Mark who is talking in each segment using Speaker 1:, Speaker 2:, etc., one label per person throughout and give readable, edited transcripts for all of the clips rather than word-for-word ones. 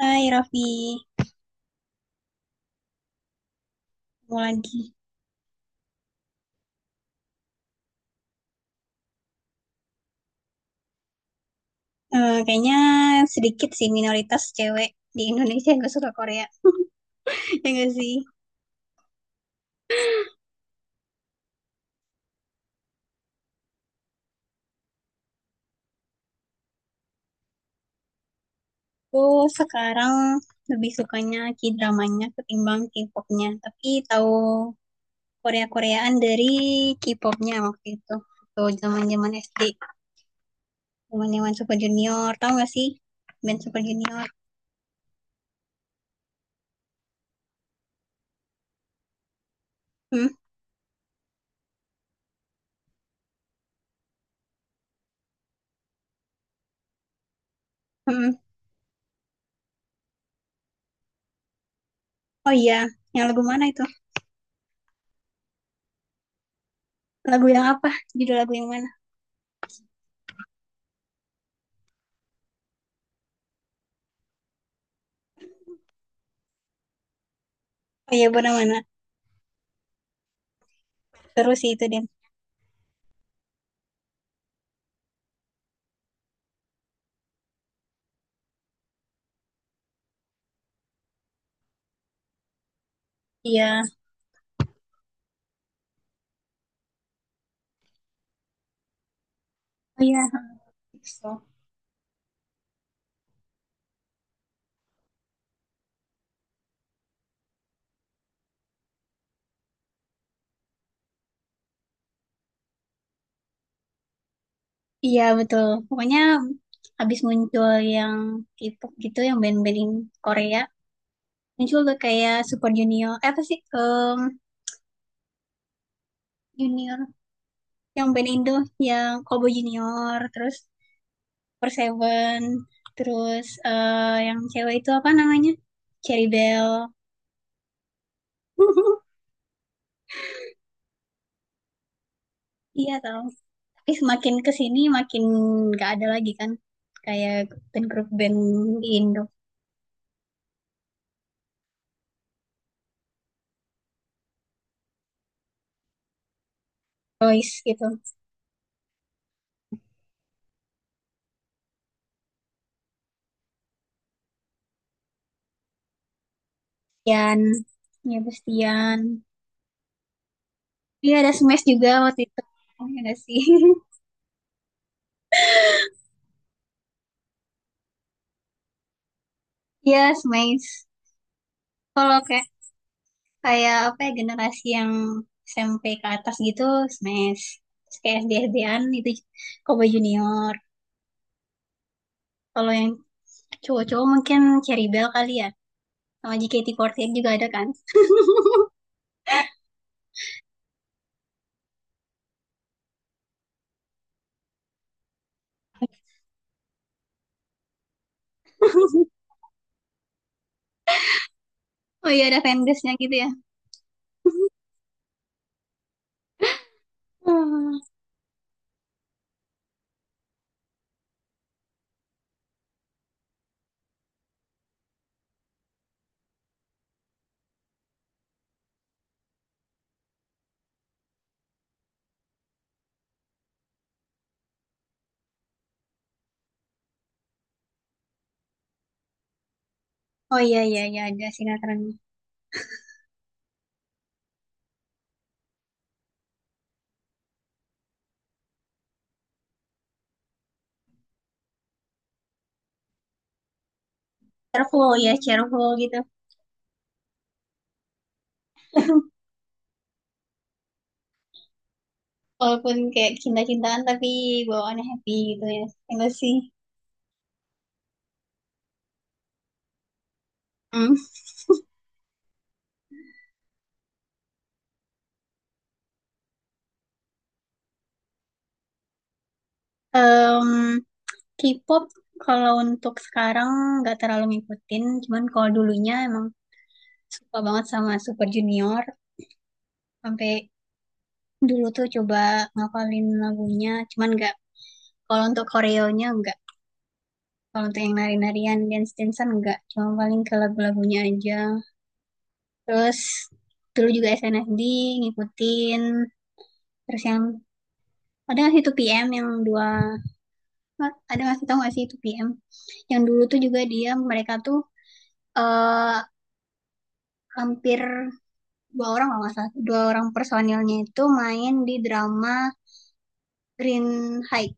Speaker 1: Hai Raffi, mau lagi. Kayaknya sedikit sih minoritas cewek di Indonesia yang gak suka Korea. Ya gak sih? Tuh sekarang lebih sukanya K-dramanya ketimbang K-popnya. Tapi tahu Korea-Koreaan dari K-popnya waktu itu. Tuh zaman-zaman SD, zaman-zaman Super Junior. Tahu gak sih band Super Junior? Hmm? Hmm. Oh iya, yang lagu mana itu? Lagu yang apa? Judul lagu yang mana? Oh iya, benar mana? Terus sih itu, Den. Iya. Oh iya. So. Iya betul. Pokoknya habis muncul yang K-pop gitu, yang band-band in Korea, muncul tuh kayak Super Junior, apa sih? Junior, yang band Indo, yang Kobo Junior, terus Per Seven, terus yang cewek itu apa namanya? Cherry Bell. Iya tau. Tapi semakin kesini makin gak ada lagi kan, kayak band grup band Indo, boys gitu. Yan, ya Bestian. Iya ada Smash juga waktu itu. Iya nggak sih? Iya Smash. Kalau kayak, kayak apa ya, generasi yang SMP ke atas gitu Smash. Terus kayak SD SD-an itu Kobe Junior. Kalau yang cowok-cowok mungkin Cherry Bell kali ya. Sama JKT48 juga ada kan? Oh iya ada fanbase-nya gitu ya. Hmm. Oh iya iya iya ada sinetron. Cheerful ya cheerful gitu. Walaupun kayak cinta-cintaan tapi bawaannya happy gitu ya. Enggak sih. Hmm. Em, K-pop kalau untuk sekarang nggak terlalu ngikutin, cuman kalau dulunya emang suka banget sama Super Junior, sampai dulu tuh coba ngapalin lagunya, cuman nggak. Kalau untuk koreonya nggak. Kalau untuk yang nari-narian, dance-dancean nggak. Cuma paling ke lagu-lagunya aja. Terus dulu juga SNSD ngikutin. Terus yang ada nggak sih 2PM yang dua, ada nggak sih, tau nggak sih 2PM yang dulu tuh juga dia mereka tuh eh hampir dua orang, kalau nggak salah dua orang personilnya itu main di drama Green High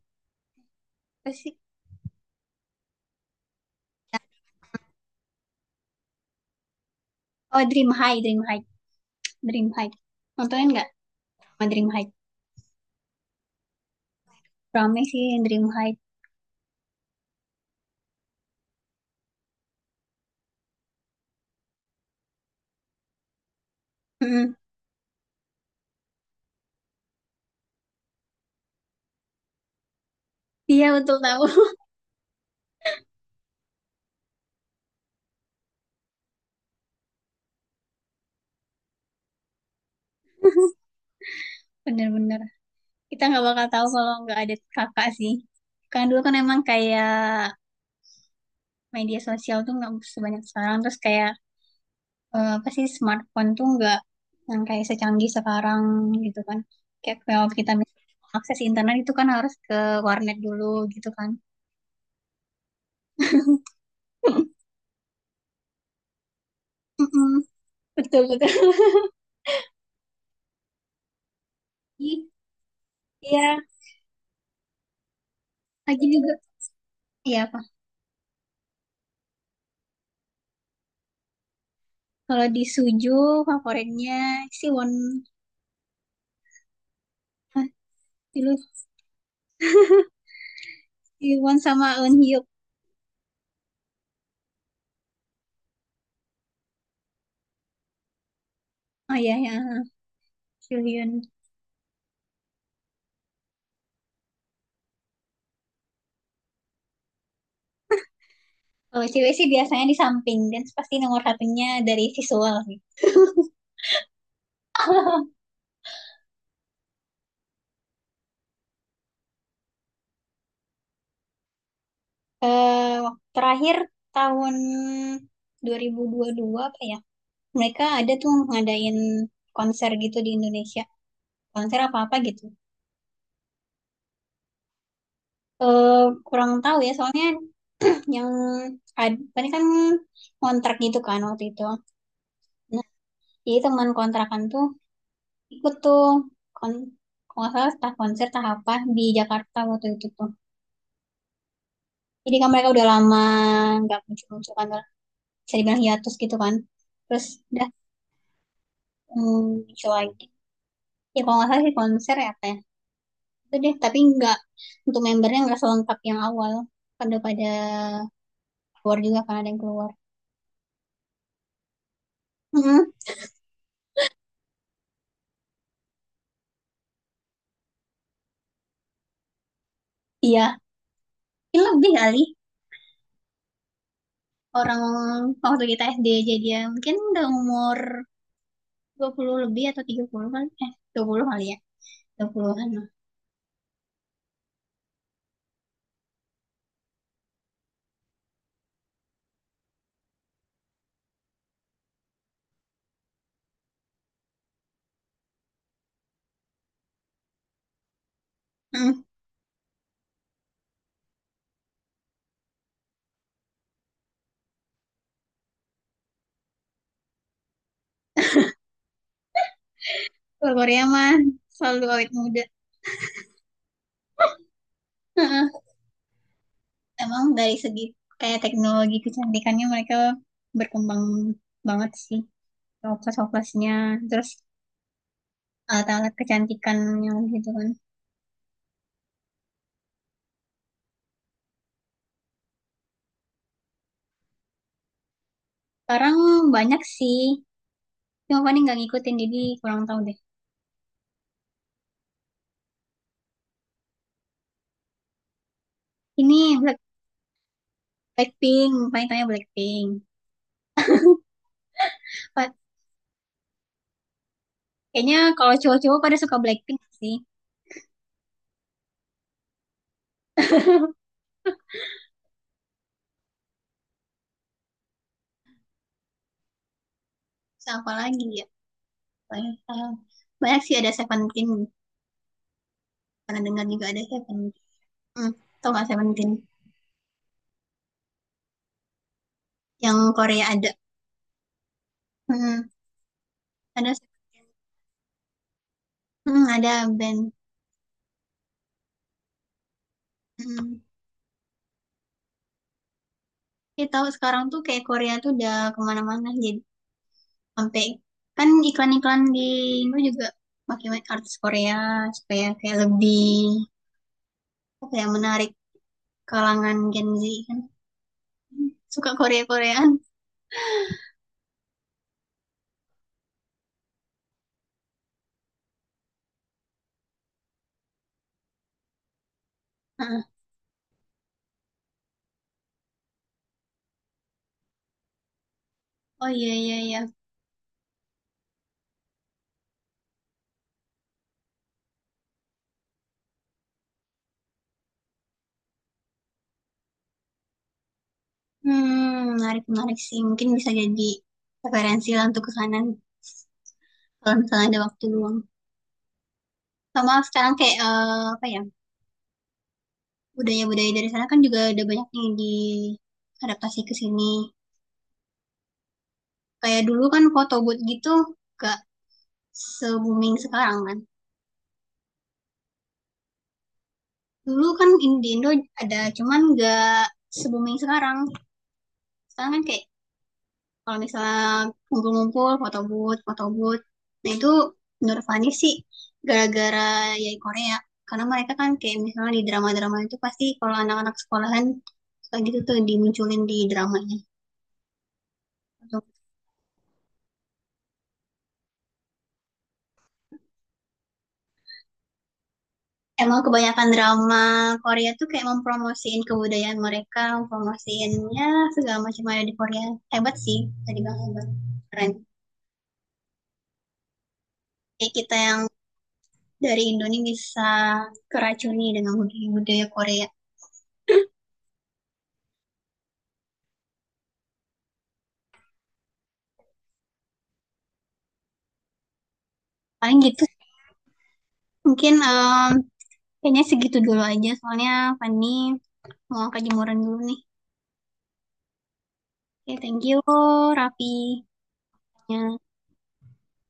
Speaker 1: apa sih, oh, Dream High, Dream High. Dream High nontonin nggak? Sama Dream High rame sih, Dream High. Mm-mm. Iya betul tahu. Bener-bener kita nggak bakal tahu kalau nggak ada kakak sih. Kan dulu kan emang kayak media sosial tuh nggak sebanyak sekarang, terus kayak apa sih, smartphone tuh nggak yang kayak secanggih sekarang gitu kan, kayak kalau kita akses internet itu kan harus ke warnet dulu gitu kan. Betul betul. Iya, lagi juga. Iya apa? Kalau di Suju favoritnya si Won. Hah, dulu si Won sama Eun Hyuk. Oh iya ya, Soo Hyun. Kalau cewek sih biasanya di samping dan pasti nomor satunya dari visual sih. Terakhir tahun 2022 apa ya? Mereka ada tuh ngadain konser gitu di Indonesia. Konser apa-apa gitu. eh kurang tahu ya soalnya yang ini kan kontrak gitu kan waktu itu. Nah, jadi teman kontrakan tuh ikut tuh kon kalau nggak salah entah konser entah apa di Jakarta waktu itu tuh. Jadi kan mereka udah lama nggak muncul-muncul kan, udah bisa dibilang hiatus gitu kan. Terus udah, hmm, muncul lagi. Ya kalau nggak salah sih konser ya apa ya. Itu deh, tapi nggak untuk membernya nggak selengkap yang awal. Pada pada keluar juga kan, ada yang keluar. Mm-mm. Iya, ini lebih kali. Orang waktu kita SD aja dia mungkin udah umur 20 lebih atau 30 kan, eh, 20 kali ya, 20-an lah. Hmm, kalau Korea mah selalu awet muda. Heeh. Emang dari segi kayak teknologi kecantikannya mereka berkembang banget sih, toples-toplesnya terus alat-alat kecantikannya gitu kan. Sekarang banyak sih, cuma paling nggak ngikutin jadi kurang tahu deh. Ini Black Blackpink paling, tanya Blackpink. Pa- Kayaknya kalau cowok-cowok pada suka Blackpink sih. Terus apa lagi ya? Banyak, eh, banyak sih ada Seventeen. Pernah dengar juga ada Seventeen. Hmm, tau gak Seventeen? Yang Korea ada. Hmm, ada ada band. Hmm. Ya, tahu sekarang tuh kayak Korea tuh udah kemana-mana. Jadi sampai kan iklan-iklan di Indo juga pakai artis Korea supaya kayak lebih apa ya menarik kalangan Gen Z kan. Hmm, suka Korea-Koreaan. Heeh. Oh iya iya iya. Hmm, menarik-menarik sih. Mungkin bisa jadi referensi lah untuk ke kanan kalau misalnya ada waktu luang. Sama sekarang kayak apa ya, budaya-budaya dari sana kan juga ada banyak nih diadaptasi ke sini. Kayak dulu kan foto booth gitu gak se-booming sekarang kan. Dulu kan di Indo ada cuman gak se-booming sekarang. Sekarang kan kayak, kalau misalnya ngumpul-ngumpul, foto booth, foto booth. Nah itu menurut Fani sih gara-gara ya Korea. Karena mereka kan kayak misalnya di drama-drama itu pasti kalau anak-anak sekolahan suka gitu tuh dimunculin di dramanya. Emang kebanyakan drama Korea tuh kayak mempromosiin kebudayaan mereka, mempromosiin ya segala macam ada di Korea. Hebat sih, tadi bang hebat, keren. Kayak kita yang dari Indonesia bisa keracuni dengan budaya-budaya Korea. Paling gitu. Mungkin kayaknya segitu dulu aja, soalnya Fanny mau ke jemuran dulu nih. Oke, thank you, Raffi. Ya.